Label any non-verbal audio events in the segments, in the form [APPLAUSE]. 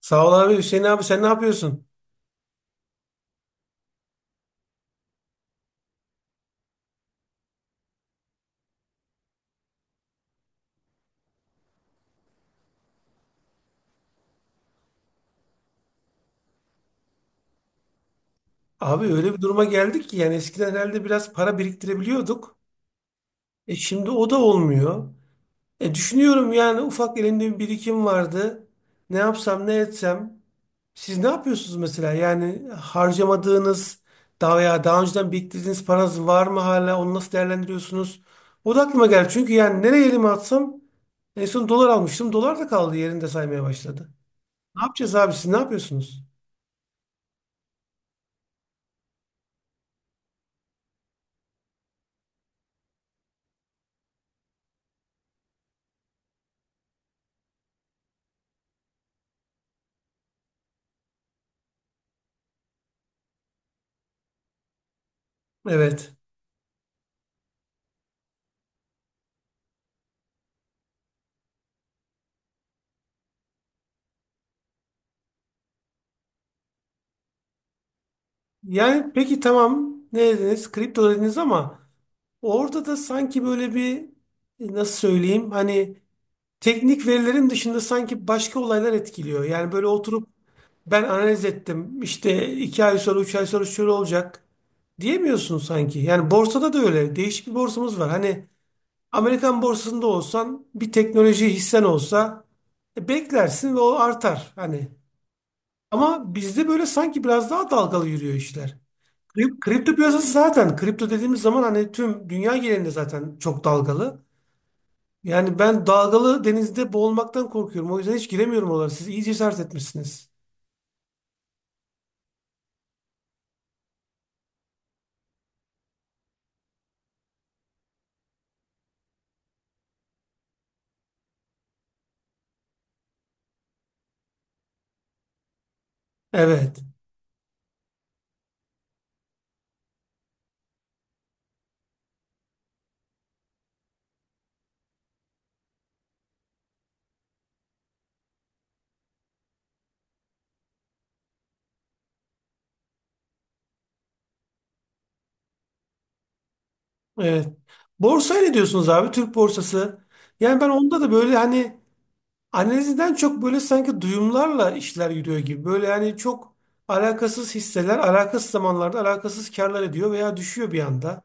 Sağ ol abi. Hüseyin abi sen ne yapıyorsun? Abi öyle bir duruma geldik ki yani eskiden herhalde biraz para biriktirebiliyorduk. E şimdi o da olmuyor. E düşünüyorum yani ufak elimde bir birikim vardı. Ne yapsam ne etsem. Siz ne yapıyorsunuz mesela? Yani harcamadığınız daha veya daha önceden biriktirdiğiniz paranız var mı hala? Onu nasıl değerlendiriyorsunuz? O da aklıma geldi. Çünkü yani nereye elimi atsam en son dolar almıştım. Dolar da kaldı yerinde saymaya başladı. Ne yapacağız abi siz ne yapıyorsunuz? Evet. Yani peki tamam ne dediniz? Kripto dediniz ama orada da sanki böyle bir nasıl söyleyeyim hani teknik verilerin dışında sanki başka olaylar etkiliyor. Yani böyle oturup ben analiz ettim işte 2 ay sonra 3 ay sonra şöyle olacak diyemiyorsun sanki. Yani borsada da öyle değişik bir borsamız var. Hani Amerikan borsasında olsan bir teknoloji hissen olsa beklersin ve o artar hani. Ama bizde böyle sanki biraz daha dalgalı yürüyor işler. Kripto piyasası zaten kripto dediğimiz zaman hani tüm dünya genelinde zaten çok dalgalı. Yani ben dalgalı denizde boğulmaktan korkuyorum. O yüzden hiç giremiyorum oralara. Siz iyi cesaret etmişsiniz. Evet. Evet. Borsaya ne diyorsunuz abi? Türk borsası. Yani ben onda da böyle hani analizden çok böyle sanki duyumlarla işler yürüyor gibi. Böyle yani çok alakasız hisseler alakasız zamanlarda alakasız karlar ediyor veya düşüyor bir anda.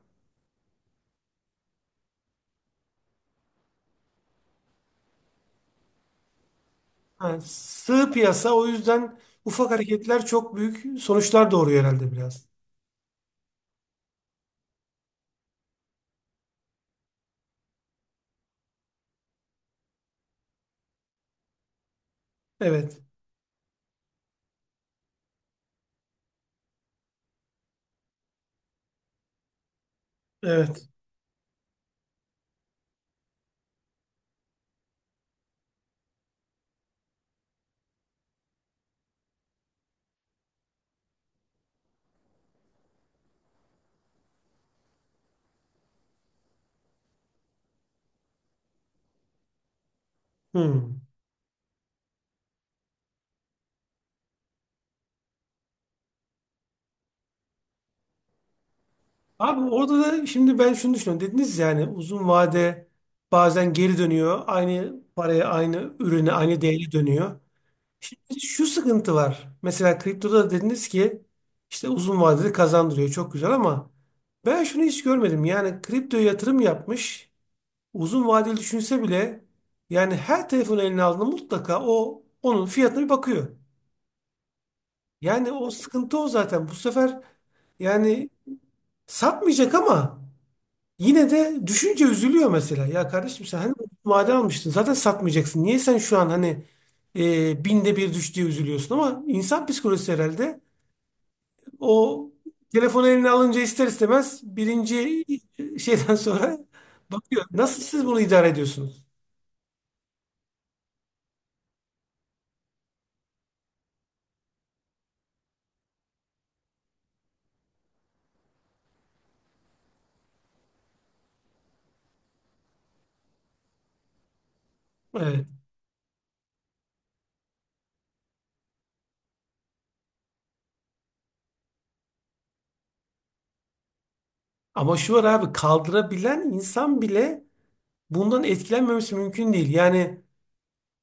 Ha, sığ piyasa o yüzden ufak hareketler çok büyük sonuçlar doğuruyor herhalde biraz. Evet. Evet. Hmm. Abi orada da şimdi ben şunu düşünüyorum. Dediniz yani uzun vade bazen geri dönüyor. Aynı paraya, aynı ürüne, aynı değeri dönüyor. Şimdi şu sıkıntı var. Mesela kriptoda da dediniz ki işte uzun vadeli kazandırıyor. Çok güzel ama ben şunu hiç görmedim. Yani kriptoya yatırım yapmış. Uzun vadeli düşünse bile yani her telefon eline aldığında mutlaka o onun fiyatına bir bakıyor. Yani o sıkıntı o zaten. Bu sefer yani satmayacak ama yine de düşünce üzülüyor mesela. Ya kardeşim sen hani vade almıştın zaten satmayacaksın. Niye sen şu an hani binde bir düştüğü üzülüyorsun ama insan psikolojisi herhalde o telefonu eline alınca ister istemez birinci şeyden [LAUGHS] sonra bakıyor. Nasıl siz bunu idare ediyorsunuz? Evet. Ama şu var abi kaldırabilen insan bile bundan etkilenmemesi mümkün değil. Yani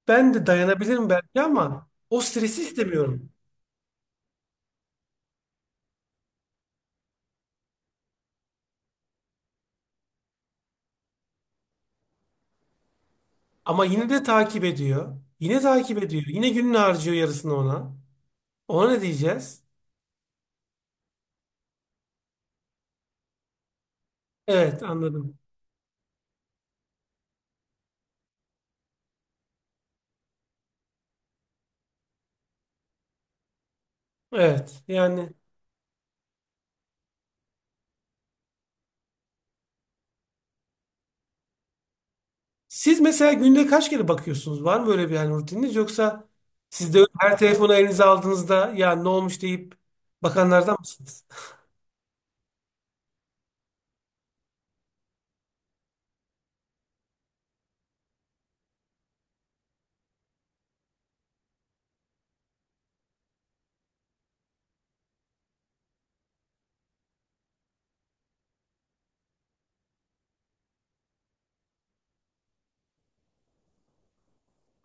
ben de dayanabilirim belki ama o stresi istemiyorum. Ama yine de takip ediyor. Yine takip ediyor. Yine gününü harcıyor yarısını ona. Ona ne diyeceğiz? Evet anladım. Evet yani siz mesela günde kaç kere bakıyorsunuz? Var mı böyle bir yani rutininiz yoksa siz de her telefonu elinize aldığınızda ya ne olmuş deyip bakanlardan mısınız?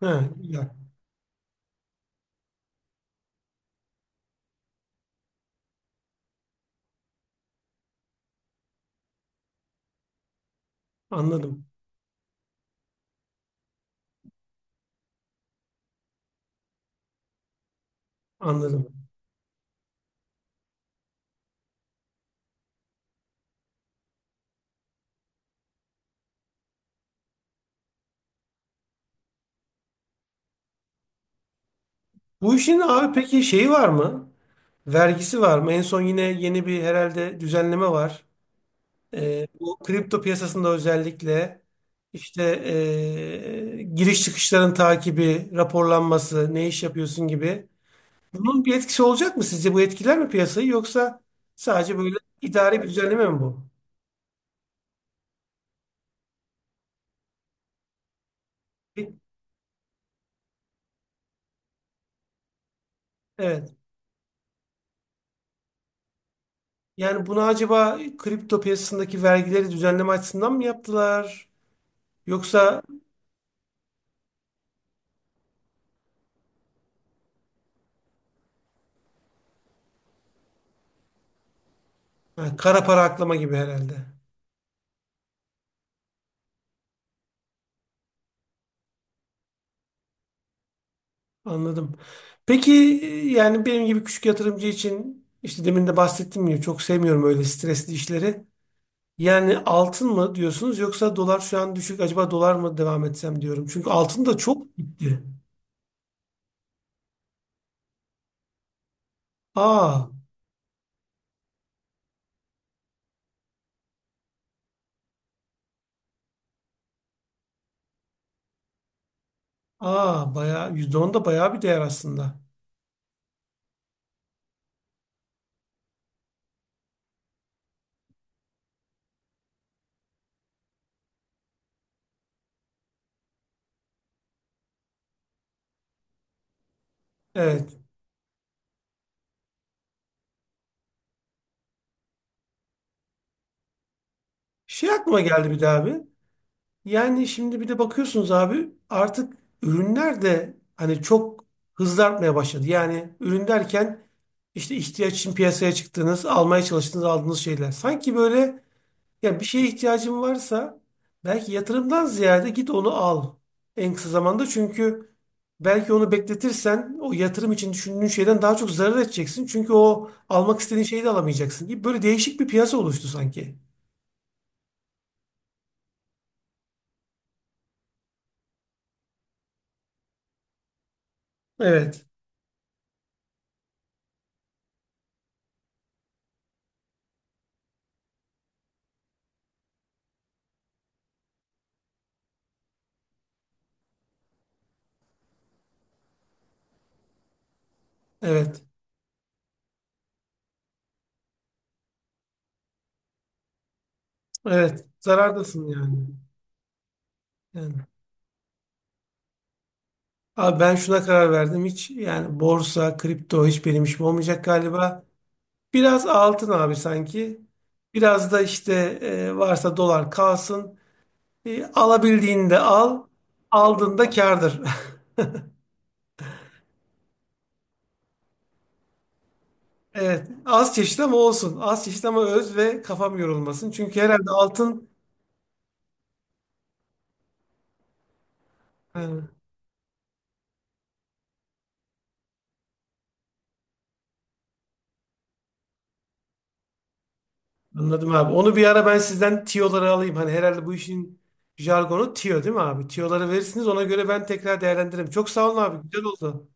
[LAUGHS] He, güzel. Anladım. Anladım. Bu işin abi peki şeyi var mı? Vergisi var mı? En son yine yeni bir herhalde düzenleme var. Bu kripto piyasasında özellikle işte giriş çıkışların takibi, raporlanması, ne iş yapıyorsun gibi. Bunun bir etkisi olacak mı sizce? Bu etkiler mi piyasayı yoksa sadece böyle idari bir düzenleme mi bu? Evet. Yani bunu acaba kripto piyasasındaki vergileri düzenleme açısından mı yaptılar? Yoksa ha, kara para aklama gibi herhalde. Anladım. Peki yani benim gibi küçük yatırımcı için işte demin de bahsettim ya çok sevmiyorum öyle stresli işleri. Yani altın mı diyorsunuz yoksa dolar şu an düşük acaba dolar mı devam etsem diyorum. Çünkü altın da çok gitti. Aa, bayağı %10 da bayağı bir değer aslında. Evet. Şey aklıma geldi bir daha abi. Yani şimdi bir de bakıyorsunuz abi artık ürünler de hani çok hızlı artmaya başladı. Yani ürün derken işte ihtiyaç için piyasaya çıktığınız, almaya çalıştığınız, aldığınız şeyler. Sanki böyle ya bir şeye ihtiyacın varsa belki yatırımdan ziyade git onu al en kısa zamanda. Çünkü belki onu bekletirsen o yatırım için düşündüğün şeyden daha çok zarar edeceksin. Çünkü o almak istediğin şeyi de alamayacaksın gibi böyle değişik bir piyasa oluştu sanki. Evet, evet, evet. Zarardasın yani. Yani, abi ben şuna karar verdim. Hiç yani borsa, kripto hiç benim işim olmayacak galiba. Biraz altın abi sanki. Biraz da işte varsa dolar kalsın. Alabildiğinde al. Aldığında kârdır. [LAUGHS] Evet. Az çeşit ama olsun. Az çeşit ama öz ve kafam yorulmasın. Çünkü herhalde altın. He, anladım abi. Onu bir ara ben sizden tiyoları alayım. Hani herhalde bu işin jargonu tiyo değil mi abi? Tiyoları verirsiniz. Ona göre ben tekrar değerlendiririm. Çok sağ olun abi. Güzel oldu.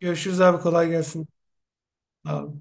Görüşürüz abi kolay gelsin. Sağ ol.